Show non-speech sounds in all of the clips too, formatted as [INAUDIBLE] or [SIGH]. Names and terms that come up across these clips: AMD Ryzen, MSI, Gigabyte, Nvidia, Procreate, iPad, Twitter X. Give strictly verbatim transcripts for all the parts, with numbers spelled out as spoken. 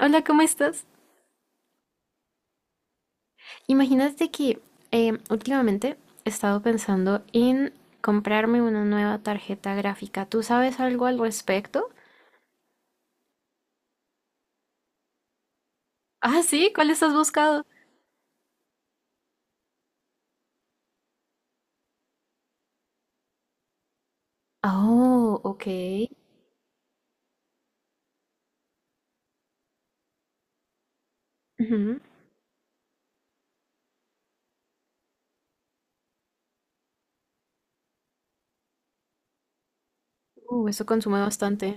Hola, ¿cómo estás? Imagínate que eh, últimamente he estado pensando en comprarme una nueva tarjeta gráfica. ¿Tú sabes algo al respecto? Ah, sí, ¿cuál estás buscando? Oh, ok. Ujú. Uh, eso consume bastante.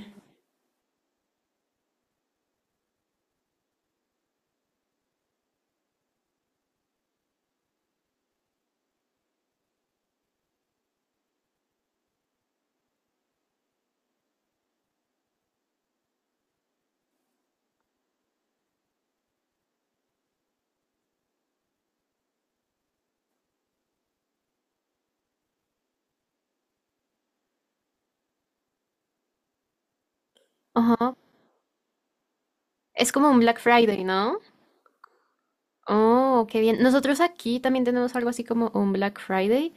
Ajá. Es como un Black Friday, ¿no? Oh, qué bien. Nosotros aquí también tenemos algo así como un Black Friday,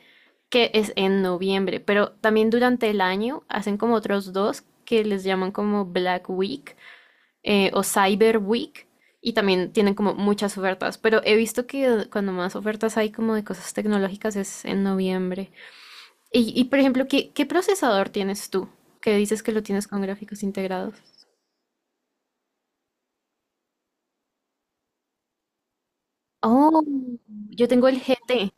que es en noviembre, pero también durante el año hacen como otros dos que les llaman como Black Week, eh, o Cyber Week, y también tienen como muchas ofertas, pero he visto que cuando más ofertas hay como de cosas tecnológicas es en noviembre. Y, y, por ejemplo, ¿qué, qué procesador tienes tú? Que dices que lo tienes con gráficos integrados. Oh, yo tengo el G T.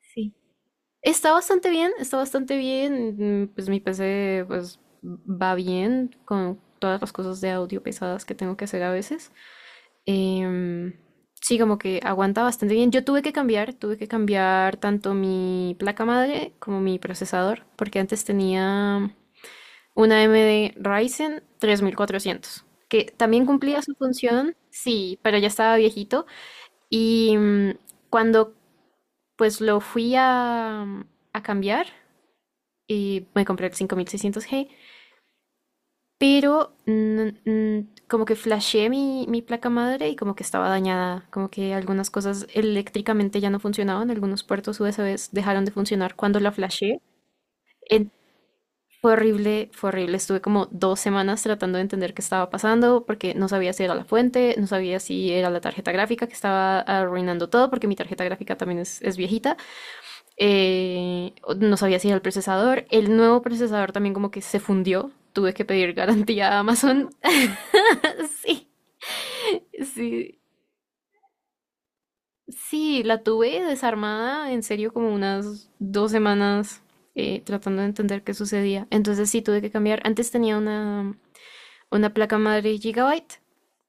Sí. Está bastante bien, está bastante bien. mm, Pues mi P C pues va bien con todas las cosas de audio pesadas que tengo que hacer a veces. Em, sí, como que aguanta bastante bien. Yo tuve que cambiar, tuve que cambiar tanto mi placa madre como mi procesador, porque antes tenía una A M D Ryzen tres mil cuatrocientos, que también cumplía su función, sí, pero ya estaba viejito. Y mm, cuando pues lo fui a, a cambiar, y me compré el cinco mil seiscientos g, pero mm, mm, como que flasheé mi, mi placa madre, y como que estaba dañada, como que algunas cosas eléctricamente ya no funcionaban, algunos puertos U S B dejaron de funcionar cuando la flasheé. En- Fue horrible, fue horrible. Estuve como dos semanas tratando de entender qué estaba pasando, porque no sabía si era la fuente, no sabía si era la tarjeta gráfica que estaba arruinando todo, porque mi tarjeta gráfica también es, es viejita, eh, no sabía si era el procesador. El nuevo procesador también como que se fundió. Tuve que pedir garantía a Amazon. [LAUGHS] Sí, sí, sí, la tuve desarmada en serio como unas dos semanas, eh, tratando de entender qué sucedía. Entonces sí, tuve que cambiar. Antes tenía una, una placa madre Gigabyte,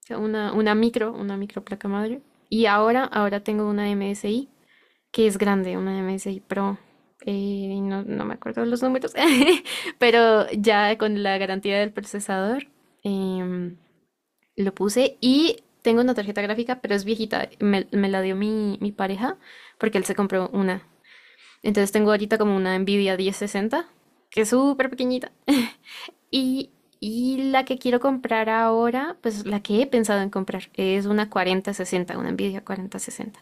o sea, una, una micro, una micro placa madre. Y ahora, ahora tengo una M S I, que es grande, una M S I Pro. Eh, y no, no me acuerdo los números, [LAUGHS] pero ya con la garantía del procesador, em, lo puse y tengo una tarjeta gráfica, pero es viejita. Me, me la dio mi, mi pareja, porque él se compró una. Entonces tengo ahorita como una Nvidia diez sesenta, que es súper pequeñita. [LAUGHS] Y, y la que quiero comprar ahora, pues la que he pensado en comprar, es una cuarenta sesenta, una Nvidia cuatro mil sesenta.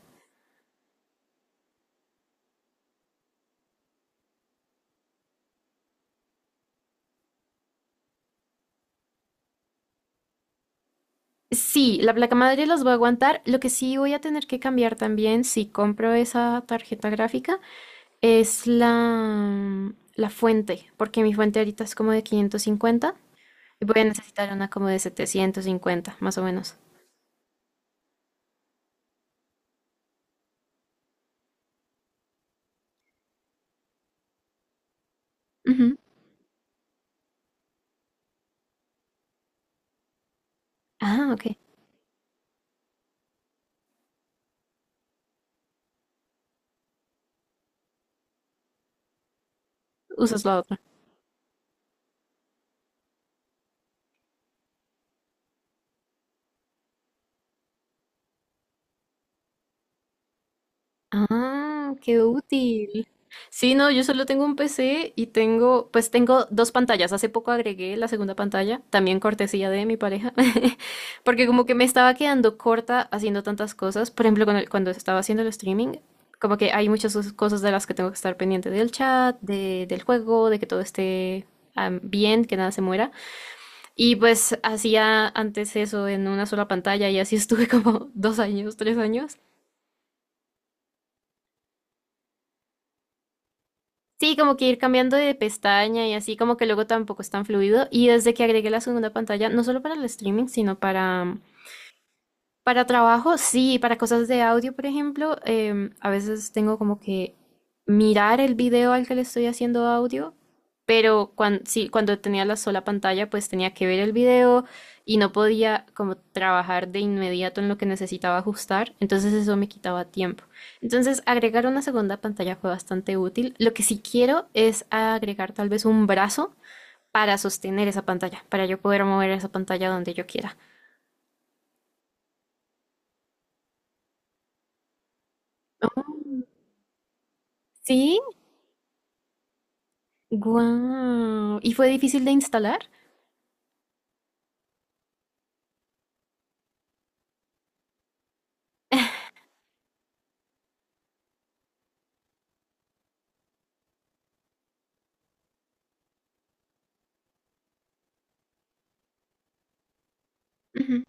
Sí, la placa madre los voy a aguantar. Lo que sí voy a tener que cambiar también, si compro esa tarjeta gráfica, es la, la fuente, porque mi fuente ahorita es como de quinientos cincuenta, y voy a necesitar una como de setecientos cincuenta, más o menos. Ujú. Ah, ok. Usas la otra. Ah, qué útil. Sí, no, yo solo tengo un P C y tengo, pues tengo dos pantallas. Hace poco agregué la segunda pantalla, también cortesía de mi pareja, [LAUGHS] porque como que me estaba quedando corta haciendo tantas cosas. Por ejemplo, con el- cuando estaba haciendo el streaming, como que hay muchas os- cosas de las que tengo que estar pendiente, del chat, de- del juego, de que todo esté am, bien, que nada se muera. Y pues hacía antes eso en una sola pantalla, y así estuve como [LAUGHS] dos años, tres años. Sí, como que ir cambiando de pestaña y así, como que luego tampoco es tan fluido. Y desde que agregué la segunda pantalla, no solo para el streaming, sino para, para, trabajo, sí, para cosas de audio, por ejemplo, em, a veces tengo como que mirar el video al que le estoy haciendo audio, pero cuando, sí, cuando tenía la sola pantalla, pues tenía que ver el video y no podía como trabajar de inmediato en lo que necesitaba ajustar, entonces eso me quitaba tiempo. Entonces, agregar una segunda pantalla fue bastante útil. Lo que sí quiero es agregar tal vez un brazo para sostener esa pantalla, para yo poder mover esa pantalla donde yo quiera. Mm. Sí. Guau. ¿Y fue difícil de instalar? Ujú.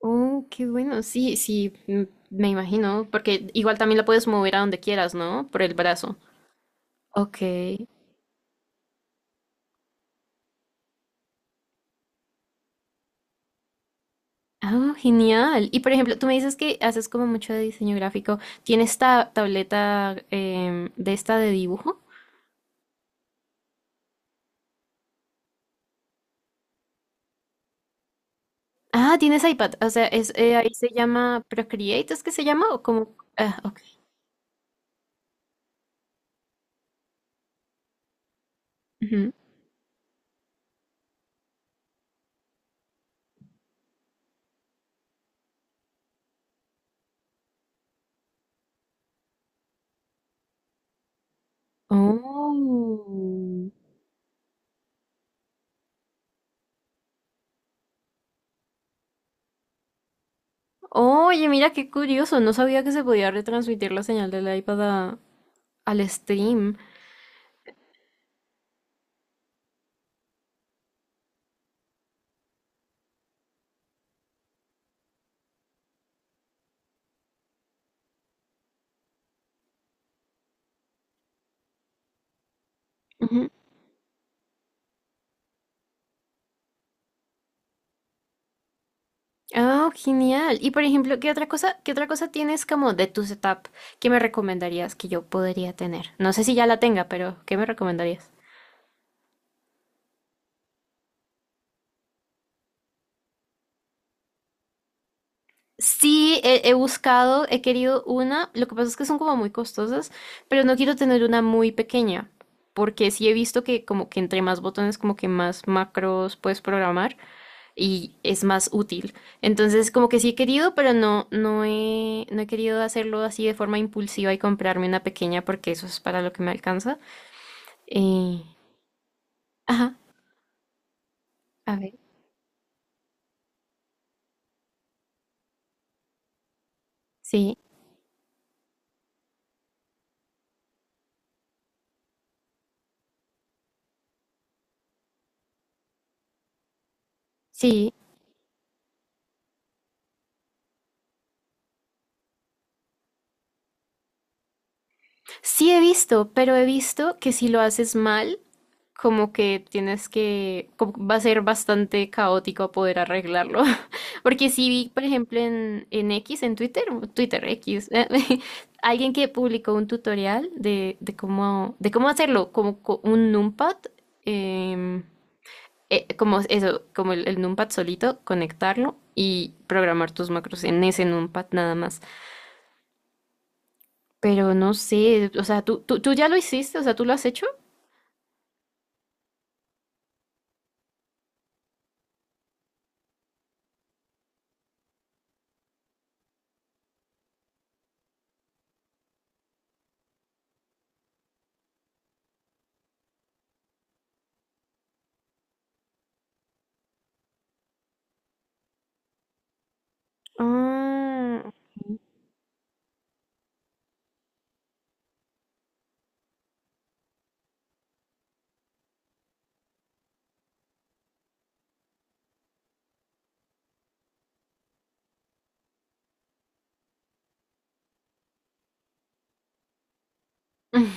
Oh, qué bueno. Sí, sí, mm, me imagino, porque igual también la puedes mover a donde quieras, ¿no? Por el brazo. Ok. Ah, genial. Y por ejemplo, tú me dices que haces como mucho de diseño gráfico. ¿Tienes ta- tableta em, de esta de dibujo? Ah, tienes iPad. O sea, es, eh, ahí se llama Procreate, ¿es que se llama? O como... Ah, ok. Ujú. Oh. Oye, mira qué curioso, no sabía que se podía retransmitir la señal del iPad a- al stream. Ujú. Ah, genial. Y por ejemplo, ¿qué otra cosa, qué otra cosa tienes como de tu setup que me recomendarías que yo podría tener? No sé si ya la tenga, pero ¿qué me recomendarías? Sí, he, he buscado, he querido una, lo que pasa es que son como muy costosas, pero no quiero tener una muy pequeña, porque sí he visto que como que entre más botones, como que más macros puedes programar, y es más útil. Entonces, como que sí he querido, pero no, no he, no he querido hacerlo así de forma impulsiva y comprarme una pequeña porque eso es para lo que me alcanza. Eh, ajá, a ver, sí, sí, sí he visto, pero he visto que si lo haces mal, como que tienes que, como va a ser bastante caótico poder arreglarlo. [LAUGHS] Porque sí vi, por ejemplo, en, en X, en Twitter, Twitter X, [LAUGHS] alguien que publicó un tutorial de, de cómo, de cómo hacerlo, como co- un numpad, em, eh, como eso, como el, el numpad solito, conectarlo y programar tus macros en ese numpad nada más. Pero no sé, o sea, ¿tú, tú, tú ya lo hiciste? O sea, ¿tú lo has hecho? Ah. [LAUGHS]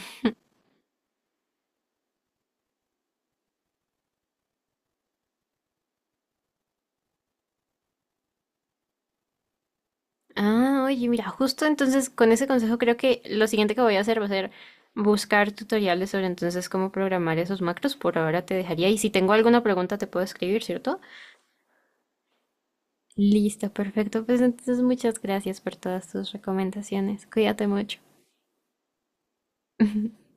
Ah, oye, mira, justo entonces con ese consejo creo que lo siguiente que voy a hacer va a ser buscar tutoriales sobre entonces cómo programar esos macros. Por ahora te dejaría, y si tengo alguna pregunta te puedo escribir, ¿cierto? Listo, perfecto. Pues entonces muchas gracias por todas tus recomendaciones. Cuídate mucho. [LAUGHS]